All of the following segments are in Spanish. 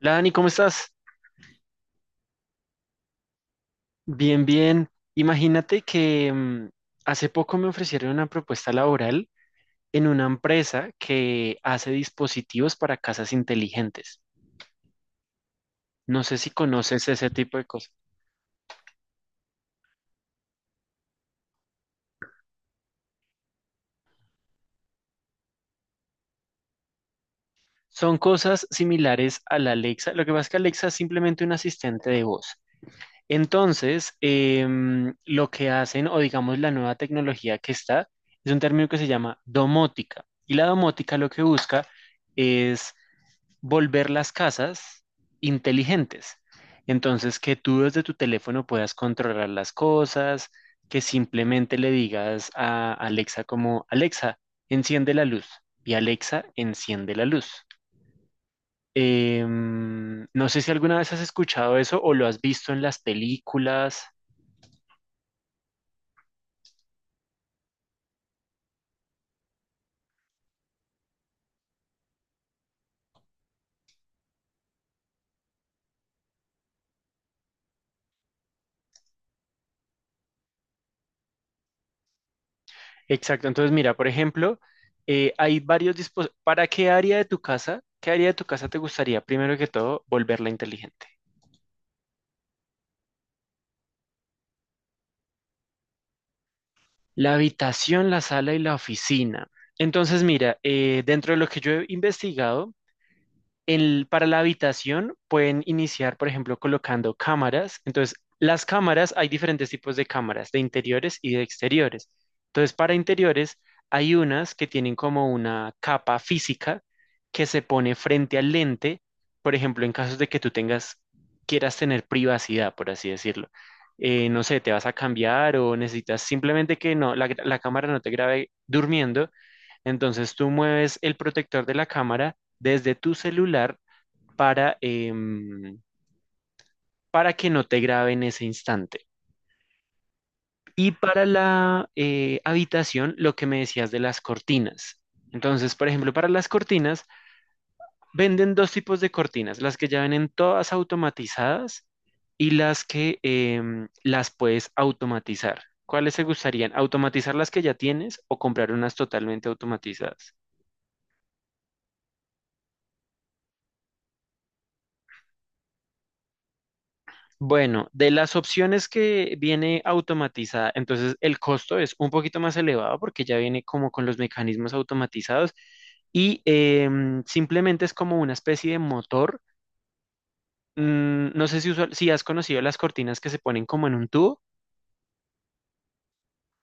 Hola Dani, ¿cómo estás? Bien, bien. Imagínate que hace poco me ofrecieron una propuesta laboral en una empresa que hace dispositivos para casas inteligentes. No sé si conoces ese tipo de cosas. Son cosas similares a la Alexa. Lo que pasa es que Alexa es simplemente un asistente de voz. Entonces, lo que hacen, o digamos la nueva tecnología que está, es un término que se llama domótica. Y la domótica lo que busca es volver las casas inteligentes. Entonces, que tú desde tu teléfono puedas controlar las cosas, que simplemente le digas a Alexa como, Alexa, enciende la luz. Y Alexa, enciende la luz. No sé si alguna vez has escuchado eso o lo has visto en las películas. Exacto. Entonces, mira, por ejemplo, hay varios dispositivos. ¿Para qué área de tu casa? ¿Qué área de tu casa te gustaría, primero que todo, volverla inteligente? La habitación, la sala y la oficina. Entonces, mira, dentro de lo que yo he investigado, para la habitación pueden iniciar, por ejemplo, colocando cámaras. Entonces, las cámaras, hay diferentes tipos de cámaras, de interiores y de exteriores. Entonces, para interiores, hay unas que tienen como una capa física que se pone frente al lente, por ejemplo, en casos de que tú tengas, quieras tener privacidad, por así decirlo. No sé, te vas a cambiar o necesitas simplemente que no, la cámara no te grabe durmiendo. Entonces tú mueves el protector de la cámara desde tu celular para, em, para que no te grabe en ese instante. Y para la habitación, lo que me decías de las cortinas. Entonces, por ejemplo, para las cortinas, venden dos tipos de cortinas, las que ya vienen todas automatizadas y las que las puedes automatizar. ¿Cuáles te gustarían? ¿Automatizar las que ya tienes o comprar unas totalmente automatizadas? Bueno, de las opciones que viene automatizada, entonces el costo es un poquito más elevado porque ya viene como con los mecanismos automatizados y simplemente es como una especie de motor. No sé si, si has conocido las cortinas que se ponen como en un tubo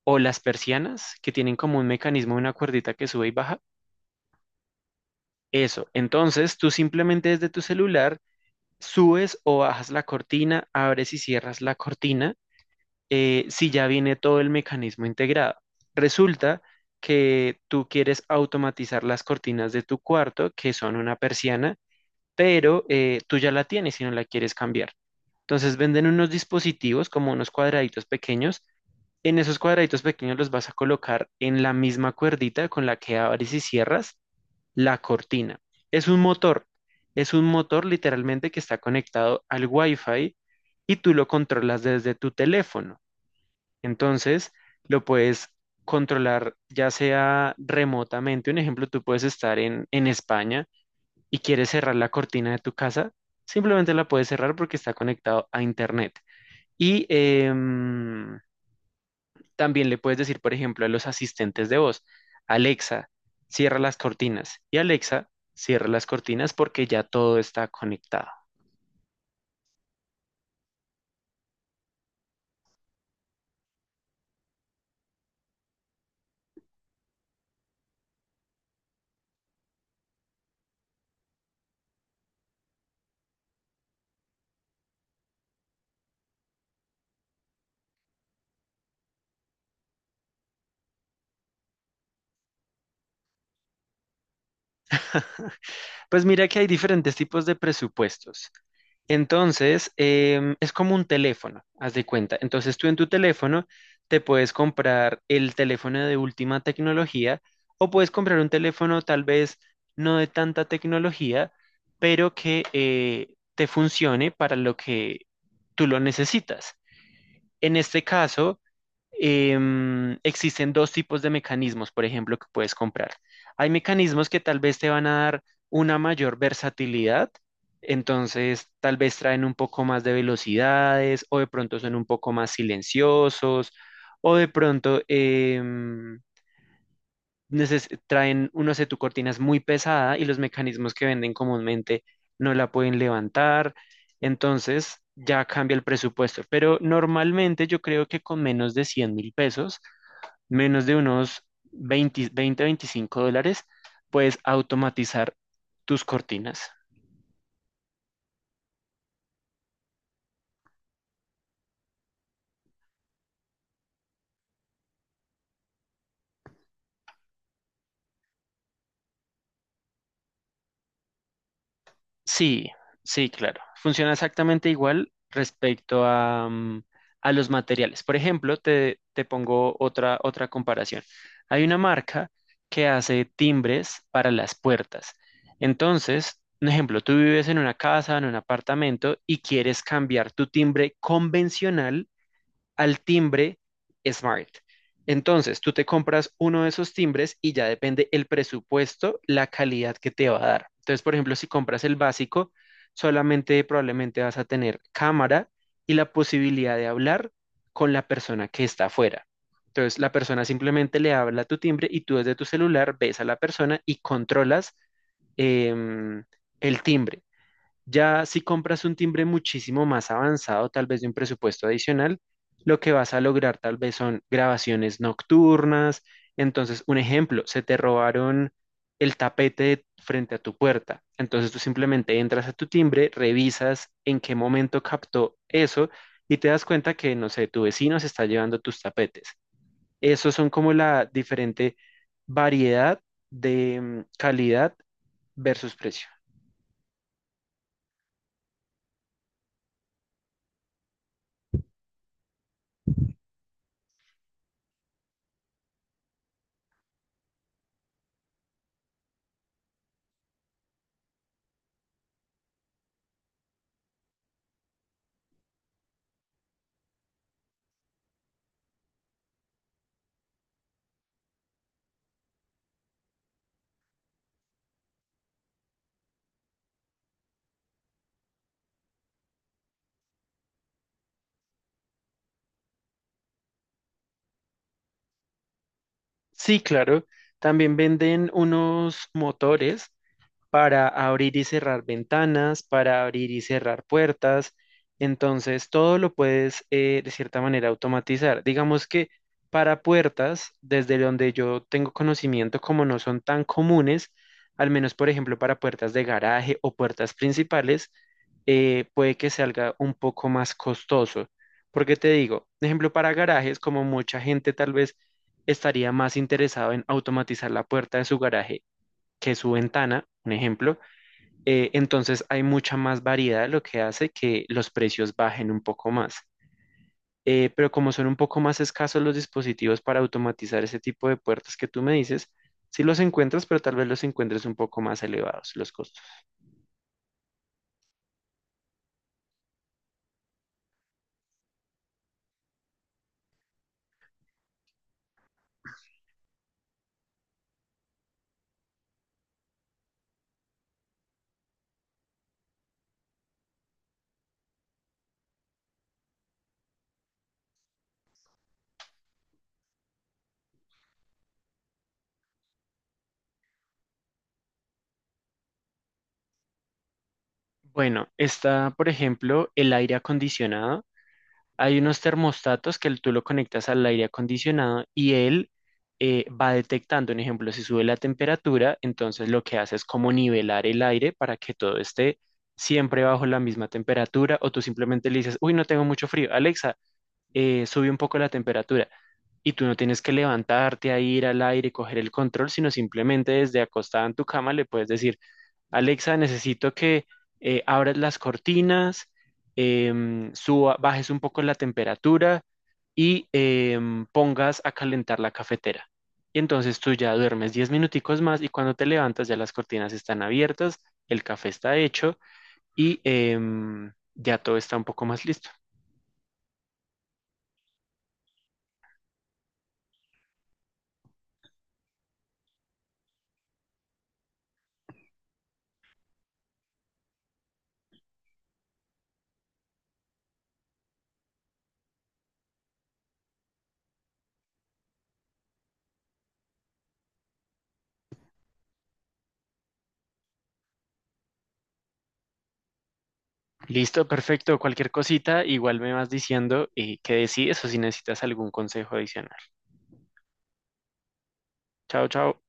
o las persianas que tienen como un mecanismo, una cuerdita que sube y baja. Eso, entonces tú simplemente desde tu celular subes o bajas la cortina, abres y cierras la cortina si ya viene todo el mecanismo integrado. Resulta que tú quieres automatizar las cortinas de tu cuarto, que son una persiana, pero tú ya la tienes y no la quieres cambiar. Entonces venden unos dispositivos como unos cuadraditos pequeños. En esos cuadraditos pequeños los vas a colocar en la misma cuerdita con la que abres y cierras la cortina. Es un motor, es un motor literalmente que está conectado al Wi-Fi y tú lo controlas desde tu teléfono. Entonces, lo puedes controlar ya sea remotamente. Un ejemplo, tú puedes estar en España y quieres cerrar la cortina de tu casa. Simplemente la puedes cerrar porque está conectado a Internet. Y em, también le puedes decir, por ejemplo, a los asistentes de voz, Alexa, cierra las cortinas. Y Alexa, cierra las cortinas porque ya todo está conectado. Pues mira que hay diferentes tipos de presupuestos. Entonces, es como un teléfono, haz de cuenta. Entonces, tú en tu teléfono te puedes comprar el teléfono de última tecnología o puedes comprar un teléfono tal vez no de tanta tecnología, pero que te funcione para lo que tú lo necesitas. En este caso, existen dos tipos de mecanismos, por ejemplo, que puedes comprar. Hay mecanismos que tal vez te van a dar una mayor versatilidad, entonces tal vez traen un poco más de velocidades o de pronto son un poco más silenciosos o de pronto traen, uno sé, tu cortina es muy pesada y los mecanismos que venden comúnmente no la pueden levantar, entonces ya cambia el presupuesto, pero normalmente yo creo que con menos de 100.000 pesos menos de unos 20, 20, $25, puedes automatizar tus cortinas. Sí, sí, claro. Funciona exactamente igual respecto a los materiales. Por ejemplo, te pongo otra comparación. Hay una marca que hace timbres para las puertas. Entonces, un ejemplo, tú vives en una casa, en un apartamento y quieres cambiar tu timbre convencional al timbre Smart. Entonces, tú te compras uno de esos timbres y ya depende el presupuesto, la calidad que te va a dar. Entonces, por ejemplo, si compras el básico, solamente probablemente vas a tener cámara y la posibilidad de hablar con la persona que está afuera. Entonces, la persona simplemente le habla a tu timbre y tú desde tu celular ves a la persona y controlas em, el timbre. Ya si compras un timbre muchísimo más avanzado, tal vez de un presupuesto adicional, lo que vas a lograr tal vez son grabaciones nocturnas. Entonces, un ejemplo, se te robaron el tapete frente a tu puerta. Entonces tú simplemente entras a tu timbre, revisas en qué momento captó eso y te das cuenta que, no sé, tu vecino se está llevando tus tapetes. Esos son como la diferente variedad de calidad versus precio. Sí, claro. También venden unos motores para abrir y cerrar ventanas, para abrir y cerrar puertas. Entonces, todo lo puedes de cierta manera automatizar. Digamos que para puertas, desde donde yo tengo conocimiento, como no son tan comunes, al menos por ejemplo para puertas de garaje o puertas principales, puede que salga un poco más costoso. Porque te digo, por ejemplo para garajes, como mucha gente tal vez estaría más interesado en automatizar la puerta de su garaje que su ventana, un ejemplo, entonces hay mucha más variedad, lo que hace que los precios bajen un poco más. Pero como son un poco más escasos los dispositivos para automatizar ese tipo de puertas que tú me dices, sí los encuentras, pero tal vez los encuentres un poco más elevados los costos. Bueno, está, por ejemplo, el aire acondicionado. Hay unos termostatos que tú lo conectas al aire acondicionado y él va detectando, un ejemplo, si sube la temperatura, entonces lo que hace es como nivelar el aire para que todo esté siempre bajo la misma temperatura o tú simplemente le dices, uy, no tengo mucho frío, Alexa, sube un poco la temperatura y tú no tienes que levantarte a ir al aire, y coger el control, sino simplemente desde acostada en tu cama le puedes decir, Alexa, necesito que abras las cortinas, bajes un poco la temperatura y pongas a calentar la cafetera. Y entonces tú ya duermes 10 minuticos más y cuando te levantas ya las cortinas están abiertas, el café está hecho y ya todo está un poco más listo. Listo, perfecto. Cualquier cosita, igual me vas diciendo qué decides o si necesitas algún consejo adicional. Chao, chao.